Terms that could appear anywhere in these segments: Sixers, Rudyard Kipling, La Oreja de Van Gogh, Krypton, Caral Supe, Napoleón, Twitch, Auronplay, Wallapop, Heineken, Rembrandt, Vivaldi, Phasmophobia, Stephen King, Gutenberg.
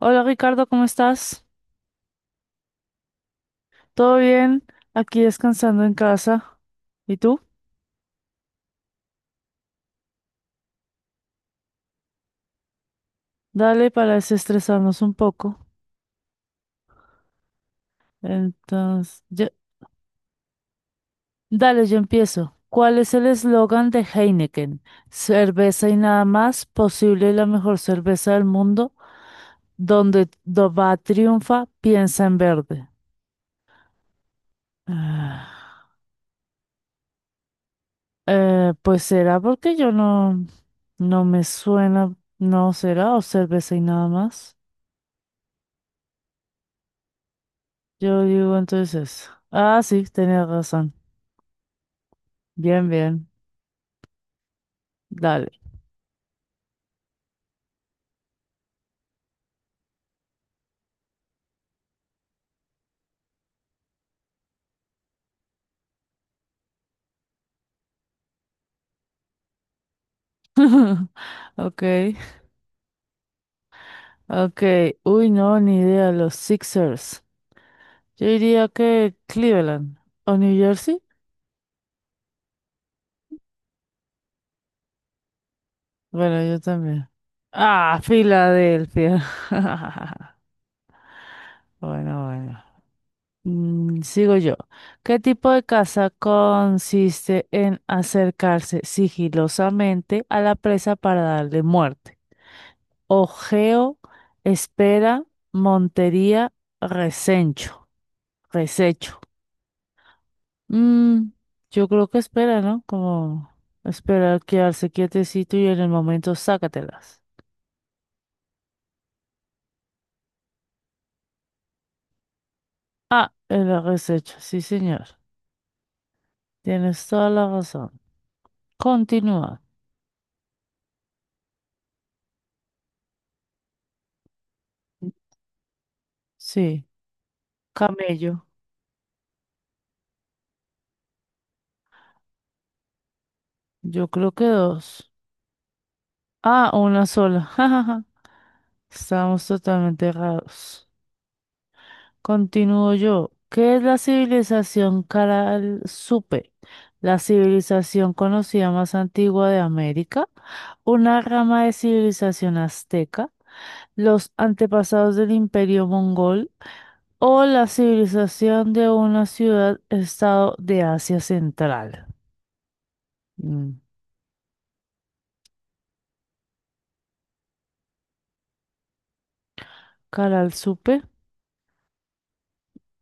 Hola Ricardo, ¿cómo estás? ¿Todo bien? Aquí descansando en casa. ¿Y tú? Dale para desestresarnos un poco. Entonces, dale, yo empiezo. ¿Cuál es el eslogan de Heineken? Cerveza y nada más, posible la mejor cerveza del mundo. Donde va triunfa, piensa en verde. Ah, pues será porque yo no me suena, no será, o cerveza y nada más. Yo digo entonces, ah, sí, tenía razón. Bien, bien, dale. Ok, ok. Uy, no, ni idea, los Sixers. Yo diría que Cleveland o New Jersey. Bueno, yo también. Ah, Filadelfia. Bueno, bueno. Sigo yo. ¿Qué tipo de caza consiste en acercarse sigilosamente a la presa para darle muerte? Ojeo, espera, montería, resencho, resecho. Mm, yo creo que espera, ¿no? Como esperar, quedarse quietecito y en el momento sácatelas. Ah, el resecho, sí, señor. Tienes toda la razón. Continúa. Sí, camello. Yo creo que dos. Ah, una sola. Jajaja. Estamos totalmente errados. Continúo yo. ¿Qué es la civilización Caral Supe? La civilización conocida más antigua de América, una rama de civilización azteca, los antepasados del imperio mongol o la civilización de una ciudad-estado de Asia Central. Mm, Caral Supe.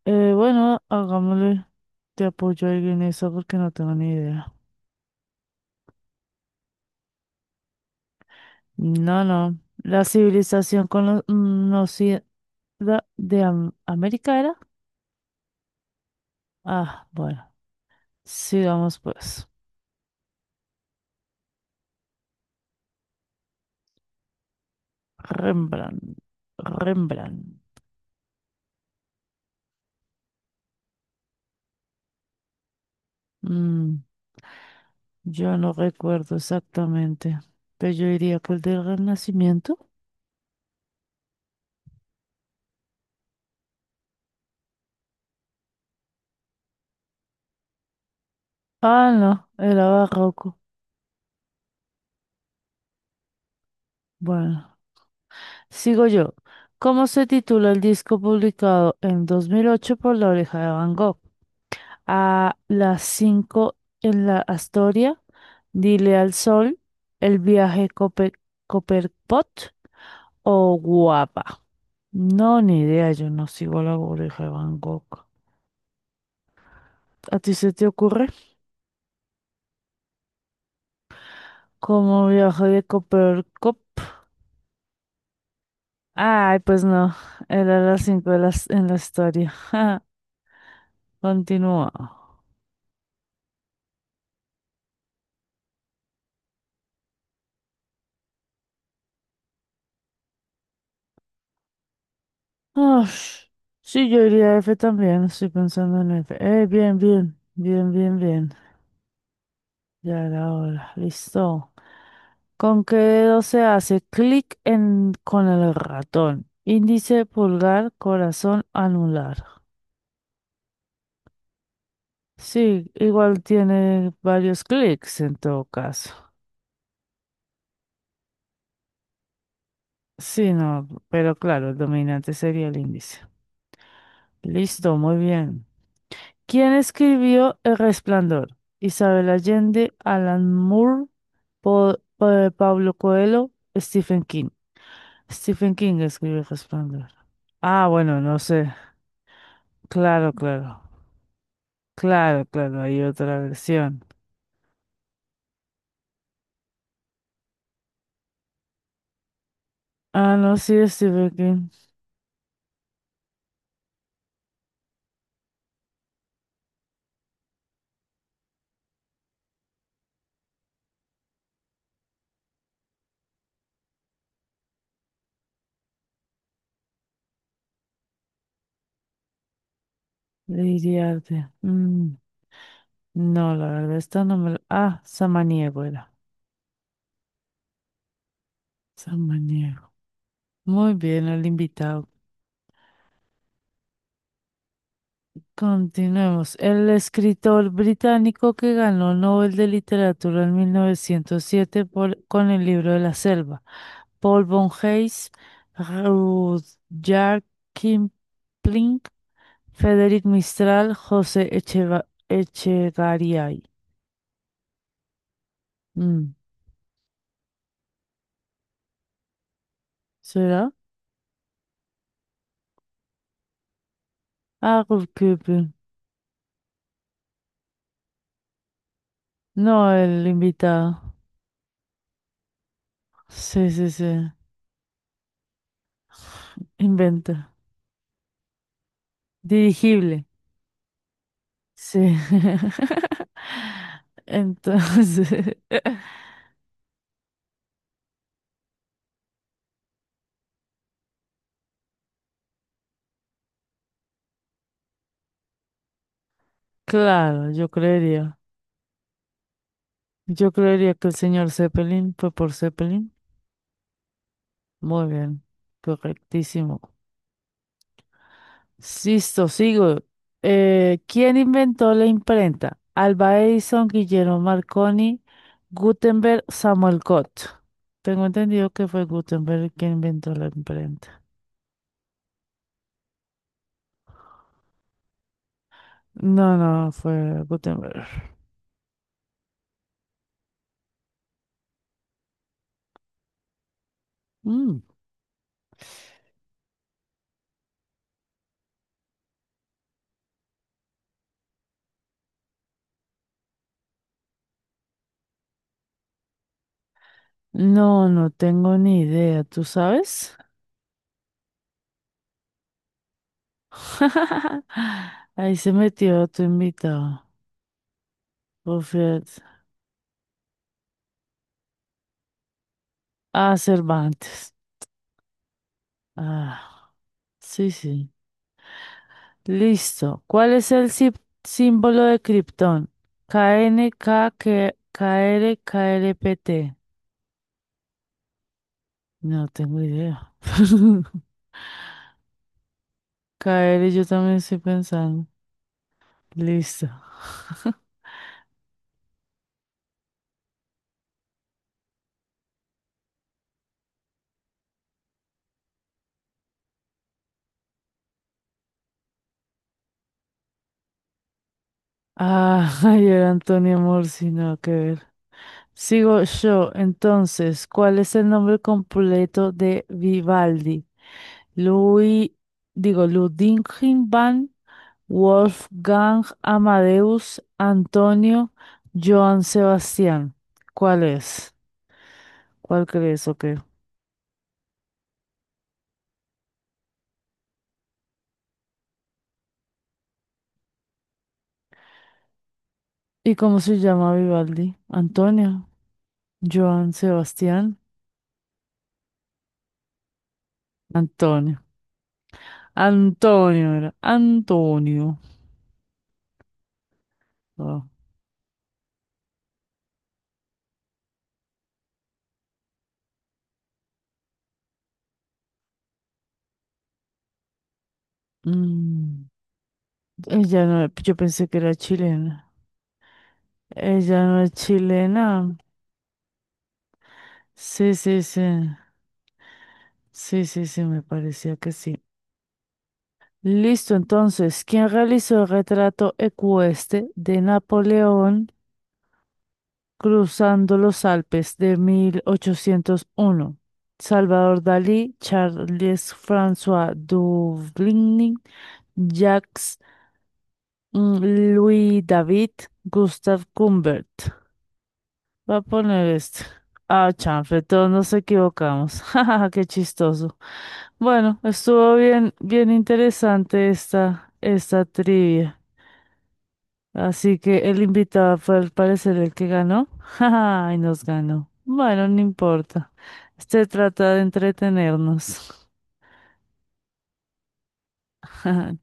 Bueno, hagámosle. Te apoyo ahí en eso porque no tengo ni idea. No, no. La civilización no, sí, ¿De América era? Ah, bueno. Sigamos pues. Rembrandt. Rembrandt. Mm, yo no recuerdo exactamente. Pero yo diría que el del Renacimiento. Ah, no. Era barroco. Bueno. Sigo yo. ¿Cómo se titula el disco publicado en 2008 por La Oreja de Van Gogh? A las 5 en la Astoria. Dile al sol. El viaje Cope Copperpot. O guapa. No, ni idea, yo no sigo la burbuja de Van Gogh. ¿A ti se te ocurre? ¿Cómo viajó de Coppercup? Ay, pues no, era las cinco en la historia. Ja, continúa. Ush, sí, yo iría a F también, estoy pensando en F. Bien, bien, bien, bien, bien. Ya era hora, listo. ¿Con qué dedo se hace clic con el ratón? Índice, pulgar, corazón, anular. Sí, igual tiene varios clics en todo caso. Sí, no, pero claro, el dominante sería el índice. Listo, muy bien. ¿Quién escribió El Resplandor? Isabel Allende, Alan Moore, Pablo Coelho, Stephen King. Stephen King escribió El Resplandor. Ah, bueno, no sé. Claro, claro. Claro, claro, hay otra versión. Ah, no, sí, Stephen King. Lady Arte. Mm. No, la verdad, esta no me lo... Ah, Samaniego era. Samaniego. Muy bien, el invitado. Continuemos. El escritor británico que ganó el Nobel de Literatura en 1907 con el libro de la selva. Paul von Hayes, Rudyard Kipling, Frederic Mistral, José Echegaray. Mm, ¿Será? Ah, Rudyard Kipling. No, el invitado. Sí, sí, sí. Inventa. Dirigible. Sí. Entonces, claro, yo creería. Yo creería que el señor Zeppelin fue por Zeppelin. Muy bien. Correctísimo. Listo, sigo. ¿Quién inventó la imprenta? Alba Edison, Guillermo Marconi, Gutenberg, Samuel Cott. Tengo entendido que fue Gutenberg quien inventó la imprenta. No, no, fue Gutenberg. Mm. No, no tengo ni idea, ¿tú sabes? Ahí se metió tu invitado. Buffett. Ah, Cervantes. Ah, sí, sí. Listo. ¿Cuál es el símbolo de Krypton? KNK, KR, KRPT. No tengo idea. K R. Yo también estoy pensando. Listo. Ah, ayer Antonio Morsi, no, que ver. Sigo yo, entonces, ¿cuál es el nombre completo de Vivaldi? Louis, digo, Ludwig van Wolfgang Amadeus Antonio Johann Sebastián. ¿Cuál es? ¿Cuál crees o qué? ¿Y cómo se llama Vivaldi? Antonio, Johann Sebastián, Antonio. Antonio era, Antonio. Ah, mm, ella no, yo pensé que era chilena. Ella no es chilena. Sí, sí, sí. Sí, sí, sí, me parecía que sí. Listo, entonces, ¿quién realizó el retrato ecuestre de Napoleón cruzando los Alpes de 1801? Salvador Dalí, Charles François Duvigny, Jacques mm, Louis David, Gustave Cumbert. Voy a poner esto. Ah, chanfle, todos nos equivocamos. Jajaja, qué chistoso. Bueno, estuvo bien, bien interesante esta trivia. Así que el invitado fue al parecer el que ganó. Jaja, y nos ganó. Bueno, no importa. Este trata de entretenernos.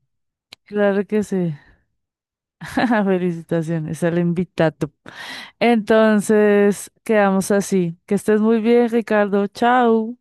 Claro que sí. Felicitaciones al invitado. Entonces, quedamos así. Que estés muy bien, Ricardo. Chao.